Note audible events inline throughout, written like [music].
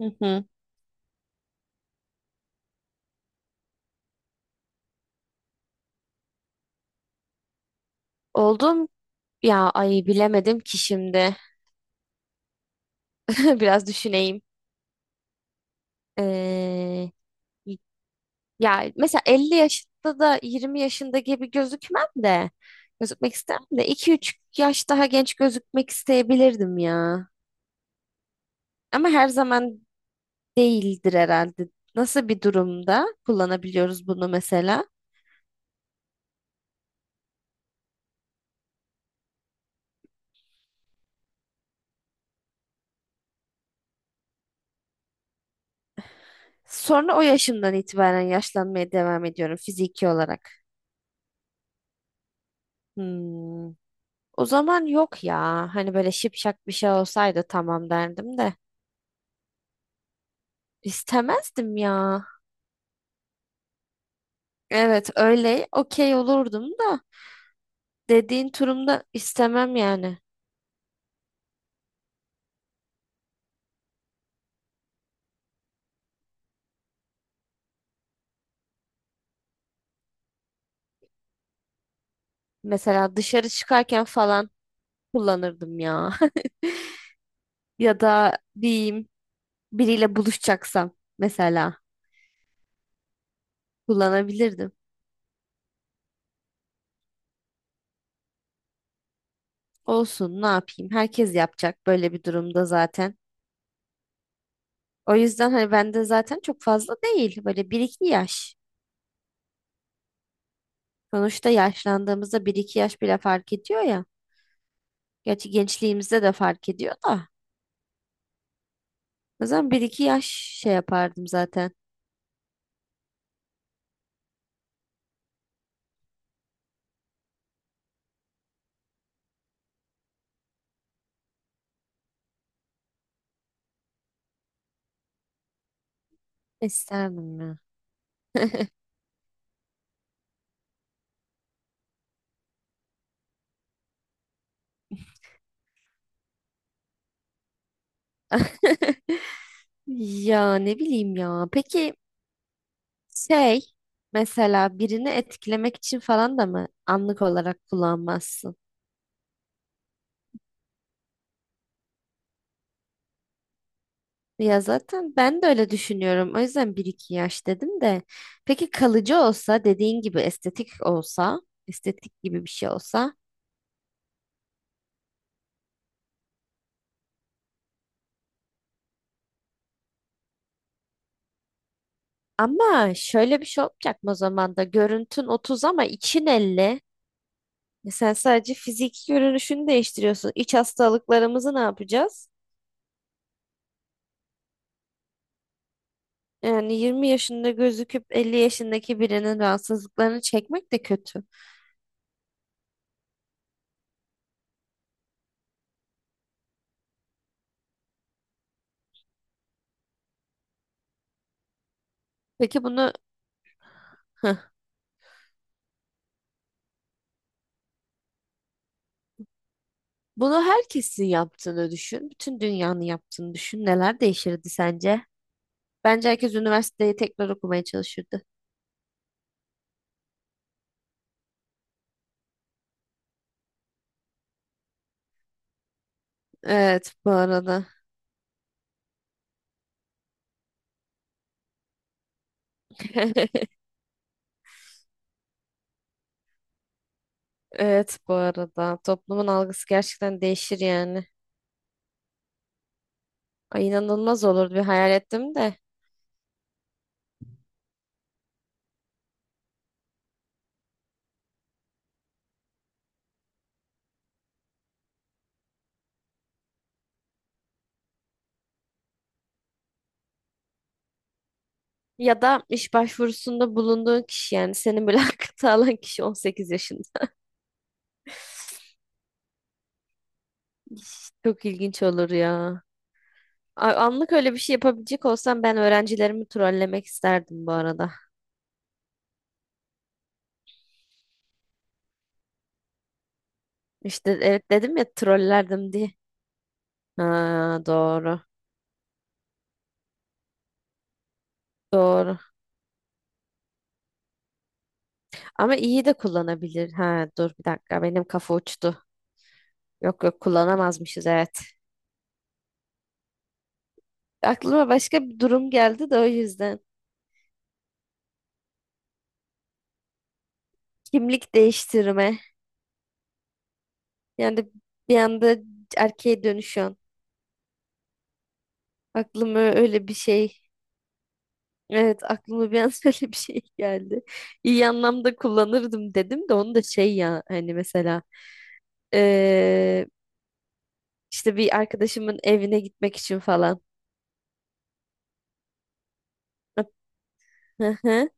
Hı hı. Oldum ya ay bilemedim ki şimdi. [laughs] Biraz düşüneyim. Ee, Ya mesela 50 yaşında da 20 yaşında gibi gözükmem de gözükmek istemem de iki üç yaş daha genç gözükmek isteyebilirdim ya. Ama her zaman değildir herhalde. Nasıl bir durumda kullanabiliyoruz bunu mesela? Sonra o yaşımdan itibaren yaşlanmaya devam ediyorum fiziki olarak. Hmm. O zaman yok ya. Hani böyle şipşak bir şey olsaydı tamam derdim de. İstemezdim ya. Evet, öyle okey olurdum da dediğin turumda istemem yani. Mesela dışarı çıkarken falan kullanırdım ya. [laughs] Ya da diyeyim biriyle buluşacaksam mesela kullanabilirdim. Olsun, ne yapayım, herkes yapacak böyle bir durumda zaten. O yüzden hani bende zaten çok fazla değil, böyle 1-2 yaş. Sonuçta yaşlandığımızda bir iki yaş bile fark ediyor ya. Gerçi gençliğimizde de fark ediyor da. O zaman bir iki yaş şey yapardım zaten. İsterdim ya. [laughs] Ya ne bileyim ya. Peki, şey, mesela birini etkilemek için falan da mı anlık olarak kullanmazsın? Ya zaten ben de öyle düşünüyorum. O yüzden bir iki yaş dedim de. Peki kalıcı olsa, dediğin gibi estetik olsa, estetik gibi bir şey olsa. Ama şöyle bir şey olacak mı, o zaman da görüntün 30 ama için 50. E, sen sadece fiziki görünüşünü değiştiriyorsun. İç hastalıklarımızı ne yapacağız? Yani 20 yaşında gözüküp 50 yaşındaki birinin rahatsızlıklarını çekmek de kötü. Peki hıh, bunu herkesin yaptığını düşün. Bütün dünyanın yaptığını düşün. Neler değişirdi sence? Bence herkes üniversiteyi tekrar okumaya çalışırdı. Evet, bu arada. [laughs] Evet, bu arada. Toplumun algısı gerçekten değişir yani. Ay, inanılmaz olurdu. Bir hayal ettim de. Ya da iş başvurusunda bulunduğun kişi, yani seni mülakata [laughs] alan kişi 18 yaşında. Çok ilginç olur ya. Anlık öyle bir şey yapabilecek olsam ben öğrencilerimi trollemek isterdim bu arada. İşte, evet, dedim ya trollerdim diye. Ha, doğru. Doğru. Ama iyi de kullanabilir. Ha, dur bir dakika, benim kafa uçtu. Yok yok, kullanamazmışız, evet. Aklıma başka bir durum geldi de o yüzden. Kimlik değiştirme. Yani bir anda erkeğe dönüşüyorsun. Aklıma öyle bir şey. Evet, aklıma bir an [laughs] öyle bir şey geldi. İyi anlamda kullanırdım dedim de onu da şey ya, hani mesela eee, işte bir arkadaşımın evine gitmek için falan. Hı hı,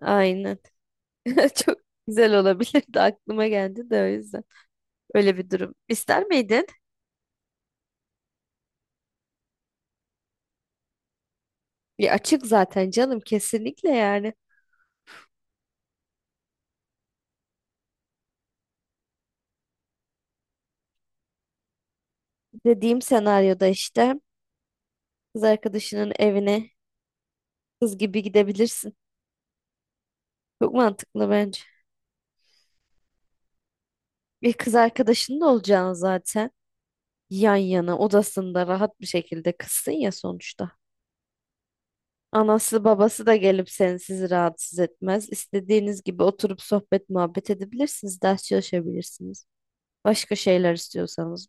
aynen. [laughs] Çok güzel olabilirdi, aklıma geldi de o yüzden. Öyle bir durum. İster miydin? Ya açık zaten canım, kesinlikle yani. Dediğim senaryoda işte kız arkadaşının evine kız gibi gidebilirsin. Çok mantıklı bence. Bir kız arkadaşın da olacağını zaten yan yana odasında rahat bir şekilde kızsın ya sonuçta. Anası babası da gelip seni sizi rahatsız etmez. İstediğiniz gibi oturup sohbet muhabbet edebilirsiniz. Ders çalışabilirsiniz. Başka şeyler istiyorsanız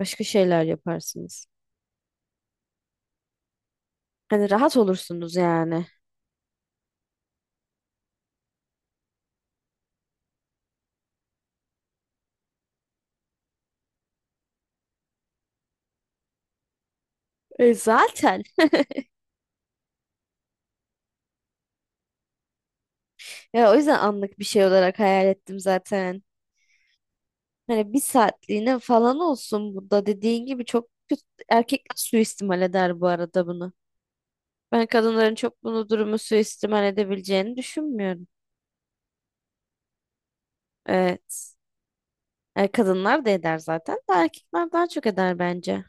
başka şeyler yaparsınız. Hani rahat olursunuz yani. E, zaten. Ya, o yüzden anlık bir şey olarak hayal ettim zaten. Hani bir saatliğine falan olsun, bu da dediğin gibi çok kötü. Erkekler suistimal eder bu arada bunu. Ben kadınların çok bunu durumu suistimal edebileceğini düşünmüyorum. Evet. E, kadınlar da eder zaten de erkekler daha çok eder bence.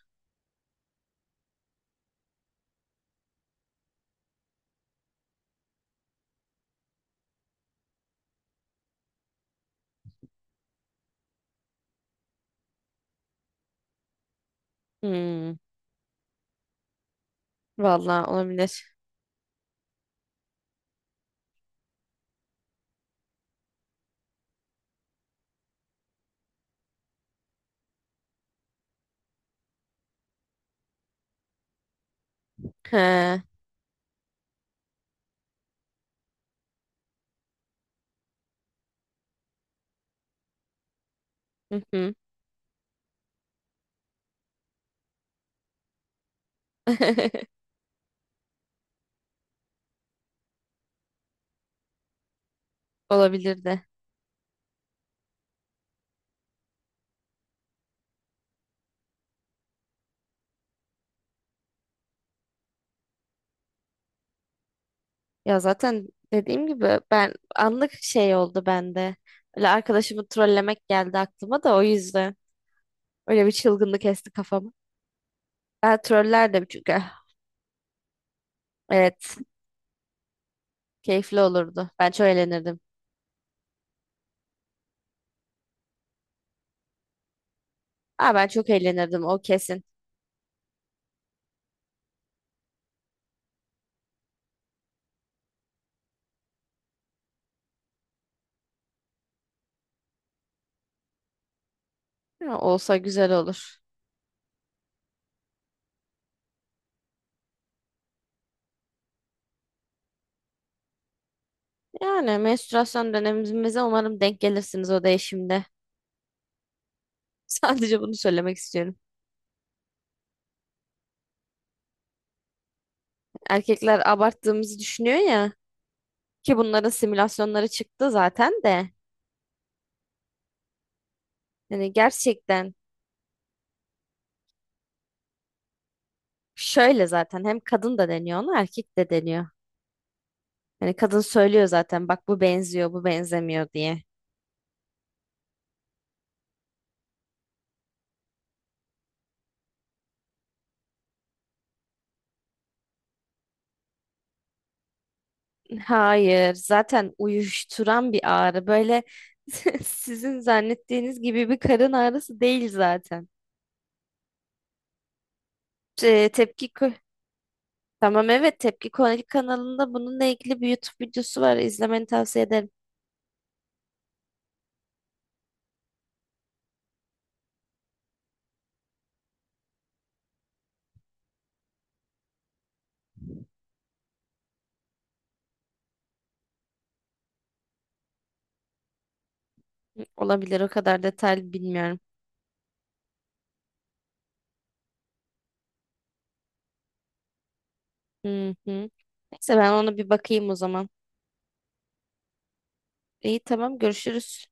Hmm, Vallahi olabilir. He, hı hı. [laughs] Olabilir de. Ya zaten dediğim gibi ben anlık şey oldu bende. Öyle arkadaşımı trollemek geldi aklıma da o yüzden. Öyle bir çılgınlık esti kafamı. Ben trollerdim çünkü. Evet. Keyifli olurdu. Ben çok eğlenirdim. Aa, ben çok eğlenirdim o kesin. Ya, olsa güzel olur. Yani menstruasyon dönemimize umarım denk gelirsiniz o değişimde. [laughs] Sadece bunu söylemek istiyorum. Erkekler abarttığımızı düşünüyor ya ki bunların simülasyonları çıktı zaten de. Yani gerçekten şöyle zaten hem kadın da deniyor ona erkek de deniyor. Yani kadın söylüyor zaten, bak bu benziyor bu benzemiyor diye. Hayır zaten uyuşturan bir ağrı böyle [laughs] sizin zannettiğiniz gibi bir karın ağrısı değil zaten. Te- tepki kö- Tamam, evet, Tepki Konaki kanalında bununla ilgili bir YouTube videosu var. İzlemeni tavsiye ederim. Hı, olabilir, o kadar detaylı bilmiyorum. Hı hı. Neyse ben ona bir bakayım o zaman. İyi tamam, görüşürüz.